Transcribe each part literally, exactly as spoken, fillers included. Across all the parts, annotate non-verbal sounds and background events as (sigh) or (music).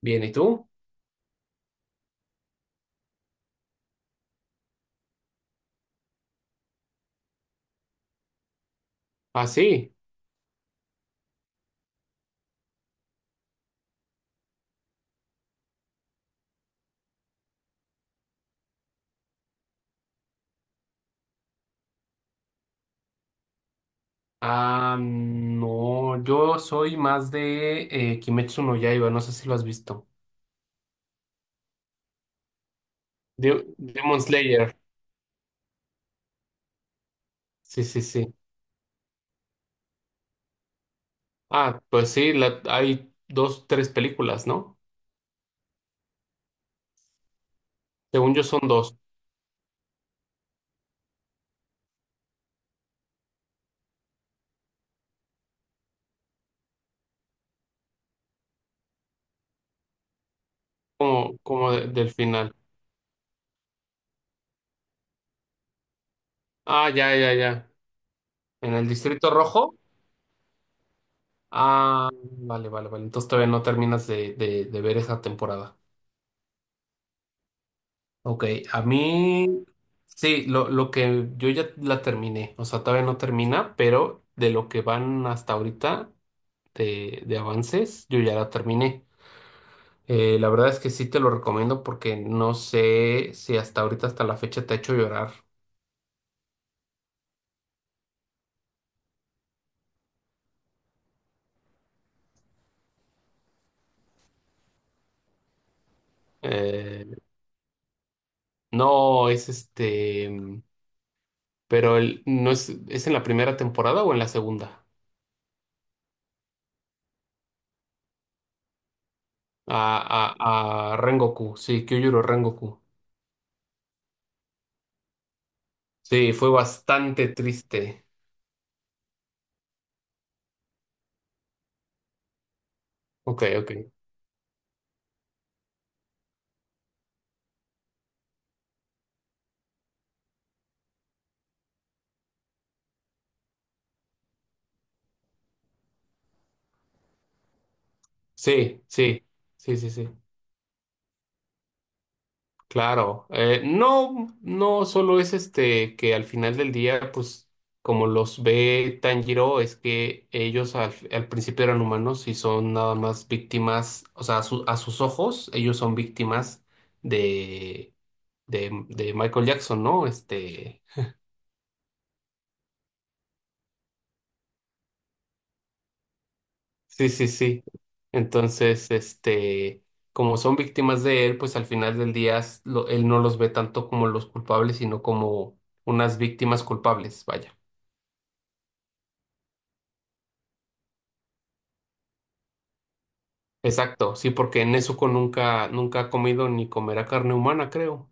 Bien, ¿y tú? Ah, sí. Ah, no, yo soy más de eh, Kimetsu no Yaiba, no sé si lo has visto. De- Demon Slayer. Sí, sí, sí. Ah, pues sí, la- hay dos, tres películas, ¿no? Según yo son dos, como, como de- del final. Ah, ya, ya, ya. En el Distrito Rojo. Ah, vale, vale, vale. Entonces todavía no terminas de, de de ver esa temporada. Ok, a mí sí, lo, lo que yo ya la terminé, o sea, todavía no termina, pero de lo que van hasta ahorita de, de avances, yo ya la terminé. Eh, la verdad es que sí te lo recomiendo porque no sé si hasta ahorita, hasta la fecha, te ha hecho llorar. Eh, no, es este, mm, pero el, no es, ¿es en la primera temporada o en la segunda? A, a, a Rengoku, sí, Kyujuro Rengoku. Sí, fue bastante triste. Ok, ok. Sí, sí, sí, sí, sí, claro. Eh, no, no solo es este que al final del día, pues como los ve Tanjiro, es que ellos al, al principio eran humanos y son nada más víctimas, o sea, a, su- a sus ojos, ellos son víctimas de, de, de Michael Jackson, ¿no? Este, sí, sí, sí. Entonces, este, como son víctimas de él, pues al final del día s- lo- él no los ve tanto como los culpables, sino como unas víctimas culpables, vaya. Exacto, sí, porque Nezuko nunca, nunca ha comido ni comerá carne humana, creo.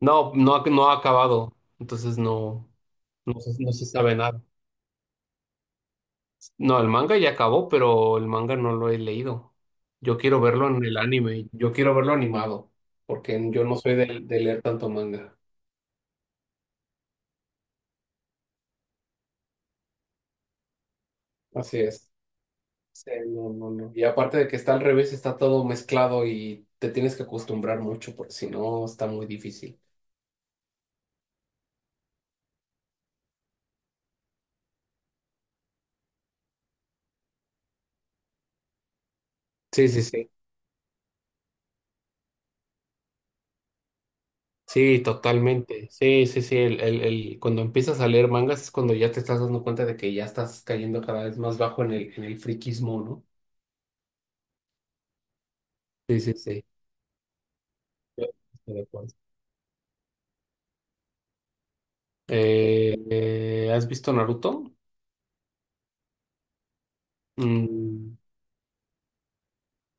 No, no, ha- no ha acabado, entonces no, no se, no se sabe nada. No, el manga ya acabó, pero el manga no lo he leído. Yo quiero verlo en el anime, yo quiero verlo animado, porque yo no soy de de leer tanto manga. Así es. Sí, no, no, no. Y aparte de que está al revés, está todo mezclado y te tienes que acostumbrar mucho porque si no está muy difícil. Sí, sí, sí. Sí, totalmente. Sí, sí, sí. El, el, el- cuando empiezas a leer mangas es cuando ya te estás dando cuenta de que ya estás cayendo cada vez más bajo en el, en el friquismo, ¿no? Sí, sí, sí. Yo estoy de acuerdo. Eh, eh, ¿has visto Naruto? Mm.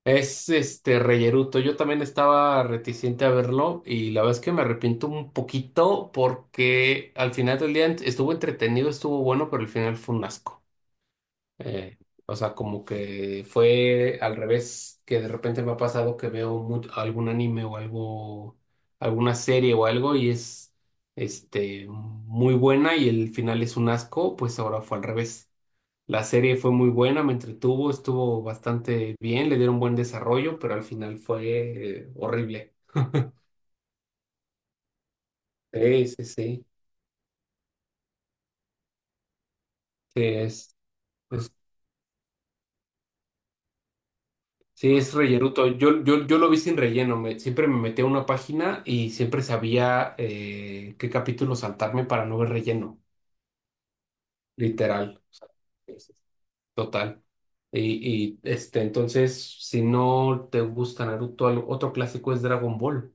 Es este reyeruto. Yo también estaba reticente a verlo y la verdad es que me arrepiento un poquito porque al final del día estuvo entretenido, estuvo bueno, pero al final fue un asco. Eh, o sea, como que fue al revés que de repente me ha pasado que veo mu- algún anime o algo, alguna serie o algo y es este muy buena y el final es un asco, pues ahora fue al revés. La serie fue muy buena, me entretuvo, estuvo bastante bien, le dieron buen desarrollo, pero al final fue eh, horrible. Sí, sí, sí. Sí, es, es- sí, es rellenuto. Yo, yo, yo lo vi sin relleno. Me- siempre me metía a una página y siempre sabía eh, qué capítulo saltarme para no ver relleno, literal. O sea, es- es total. Y, y este, entonces, si no te gusta Naruto, algo- otro clásico es Dragon Ball.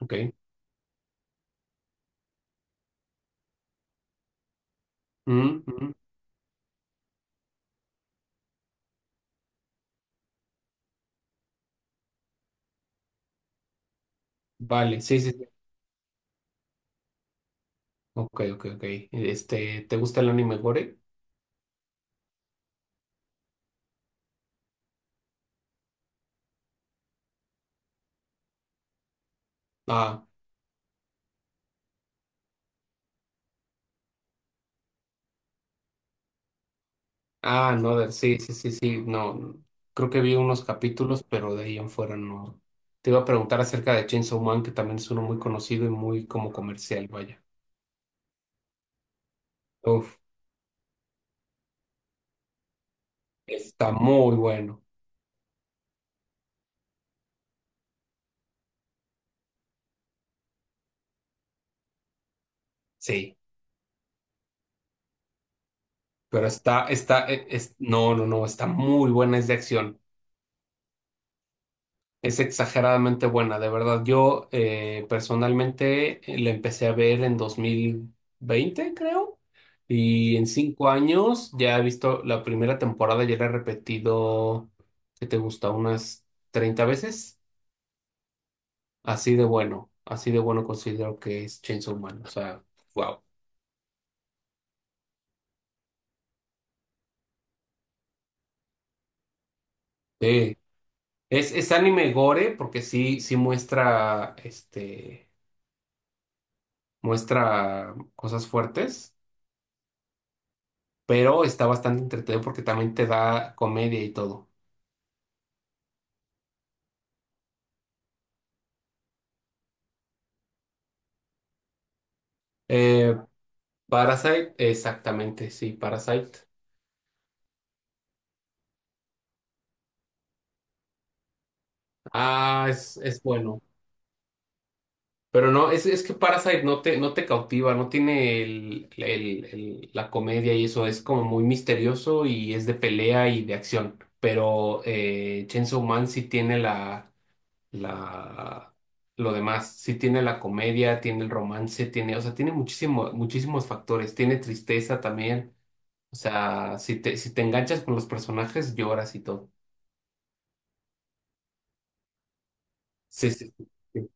Ok. Mm, mm. Vale, sí, sí, sí. Ok, ok, ok. Este, ¿te gusta el anime Gore? Ah, ah, no, de- sí, sí, sí, sí, no. Creo que vi unos capítulos, pero de ahí en fuera no. Te iba a preguntar acerca de Chainsaw Man, que también es uno muy conocido y muy como comercial, vaya. Uf, está muy bueno. Sí, pero está, está, e- es, no, no, no, está muy buena, es de acción. Es exageradamente buena, de verdad. Yo eh, personalmente eh, la empecé a ver en dos mil veinte creo, y en cinco años ya he visto la primera temporada, ya la he repetido, ¿qué te gusta? Unas treinta veces. Así de bueno, así de bueno considero que es Chainsaw Man, o sea, wow. Sí. Es, es anime gore porque sí, sí muestra, este, muestra cosas fuertes pero está bastante entretenido porque también te da comedia y todo. Eh, Parasite, exactamente, sí, Parasite. Ah, es, es bueno. Pero no, es, es que Parasite no te, no te cautiva, no tiene el, el- el- la comedia y eso, es como muy misterioso y es de pelea y de acción. Pero eh, Chainsaw Man sí tiene la, la, lo demás, sí tiene la comedia, tiene el romance, tiene, o sea, tiene muchísimo, muchísimos factores, tiene tristeza también. O sea, si te, si te enganchas con los personajes, lloras y todo. Sí, sí, sí.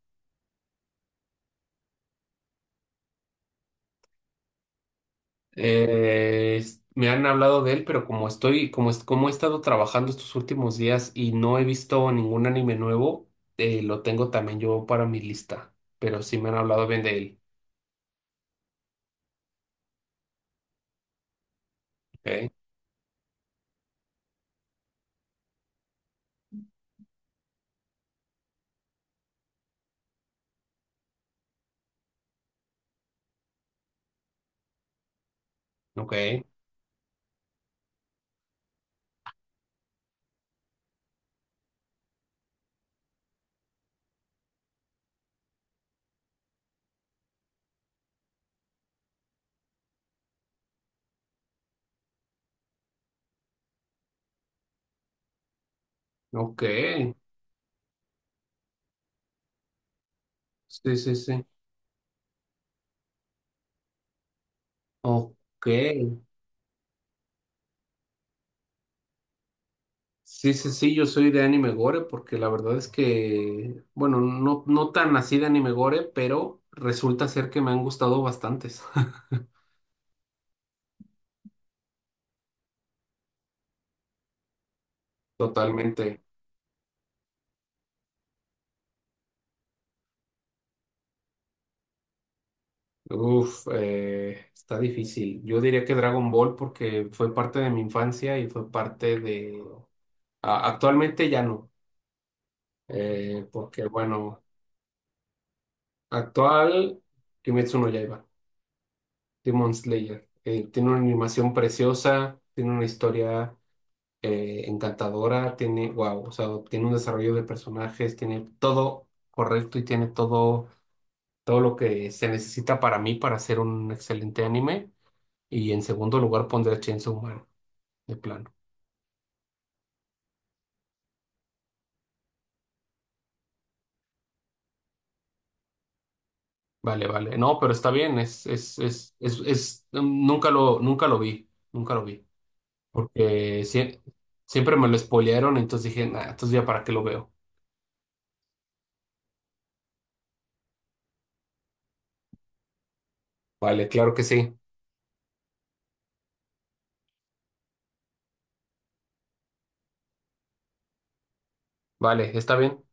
Eh, es- me han hablado de él, pero como estoy, como, es- como he estado trabajando estos últimos días y no he visto ningún anime nuevo, eh, lo tengo también yo para mi lista. Pero sí me han hablado bien de él. Ok, ok, ok. Sí, sí, sí. Ok. Sí, sí, sí, yo soy de anime gore porque la verdad es que, bueno, no, no tan así de anime gore, pero resulta ser que me han gustado bastantes. (laughs) Totalmente. Uf, eh, está difícil. Yo diría que Dragon Ball porque fue parte de mi infancia y fue parte de... a- Actualmente ya no, eh, porque bueno, actual Kimetsu no Yaiba, Demon Slayer. Eh, tiene una animación preciosa, tiene una historia eh, encantadora, tiene, wow, o sea, tiene un desarrollo de personajes, tiene todo correcto y tiene todo, todo lo que se necesita para mí para hacer un excelente anime. Y en segundo lugar pondré Chainsaw Man, de plano. Vale, vale. No, pero está bien, es, es, es, es, es- mm, nunca lo, nunca lo vi, nunca lo vi. Porque sie- siempre me lo spoilearon, entonces dije, nah, entonces ya para qué lo veo. Vale, claro que sí. Vale, está bien.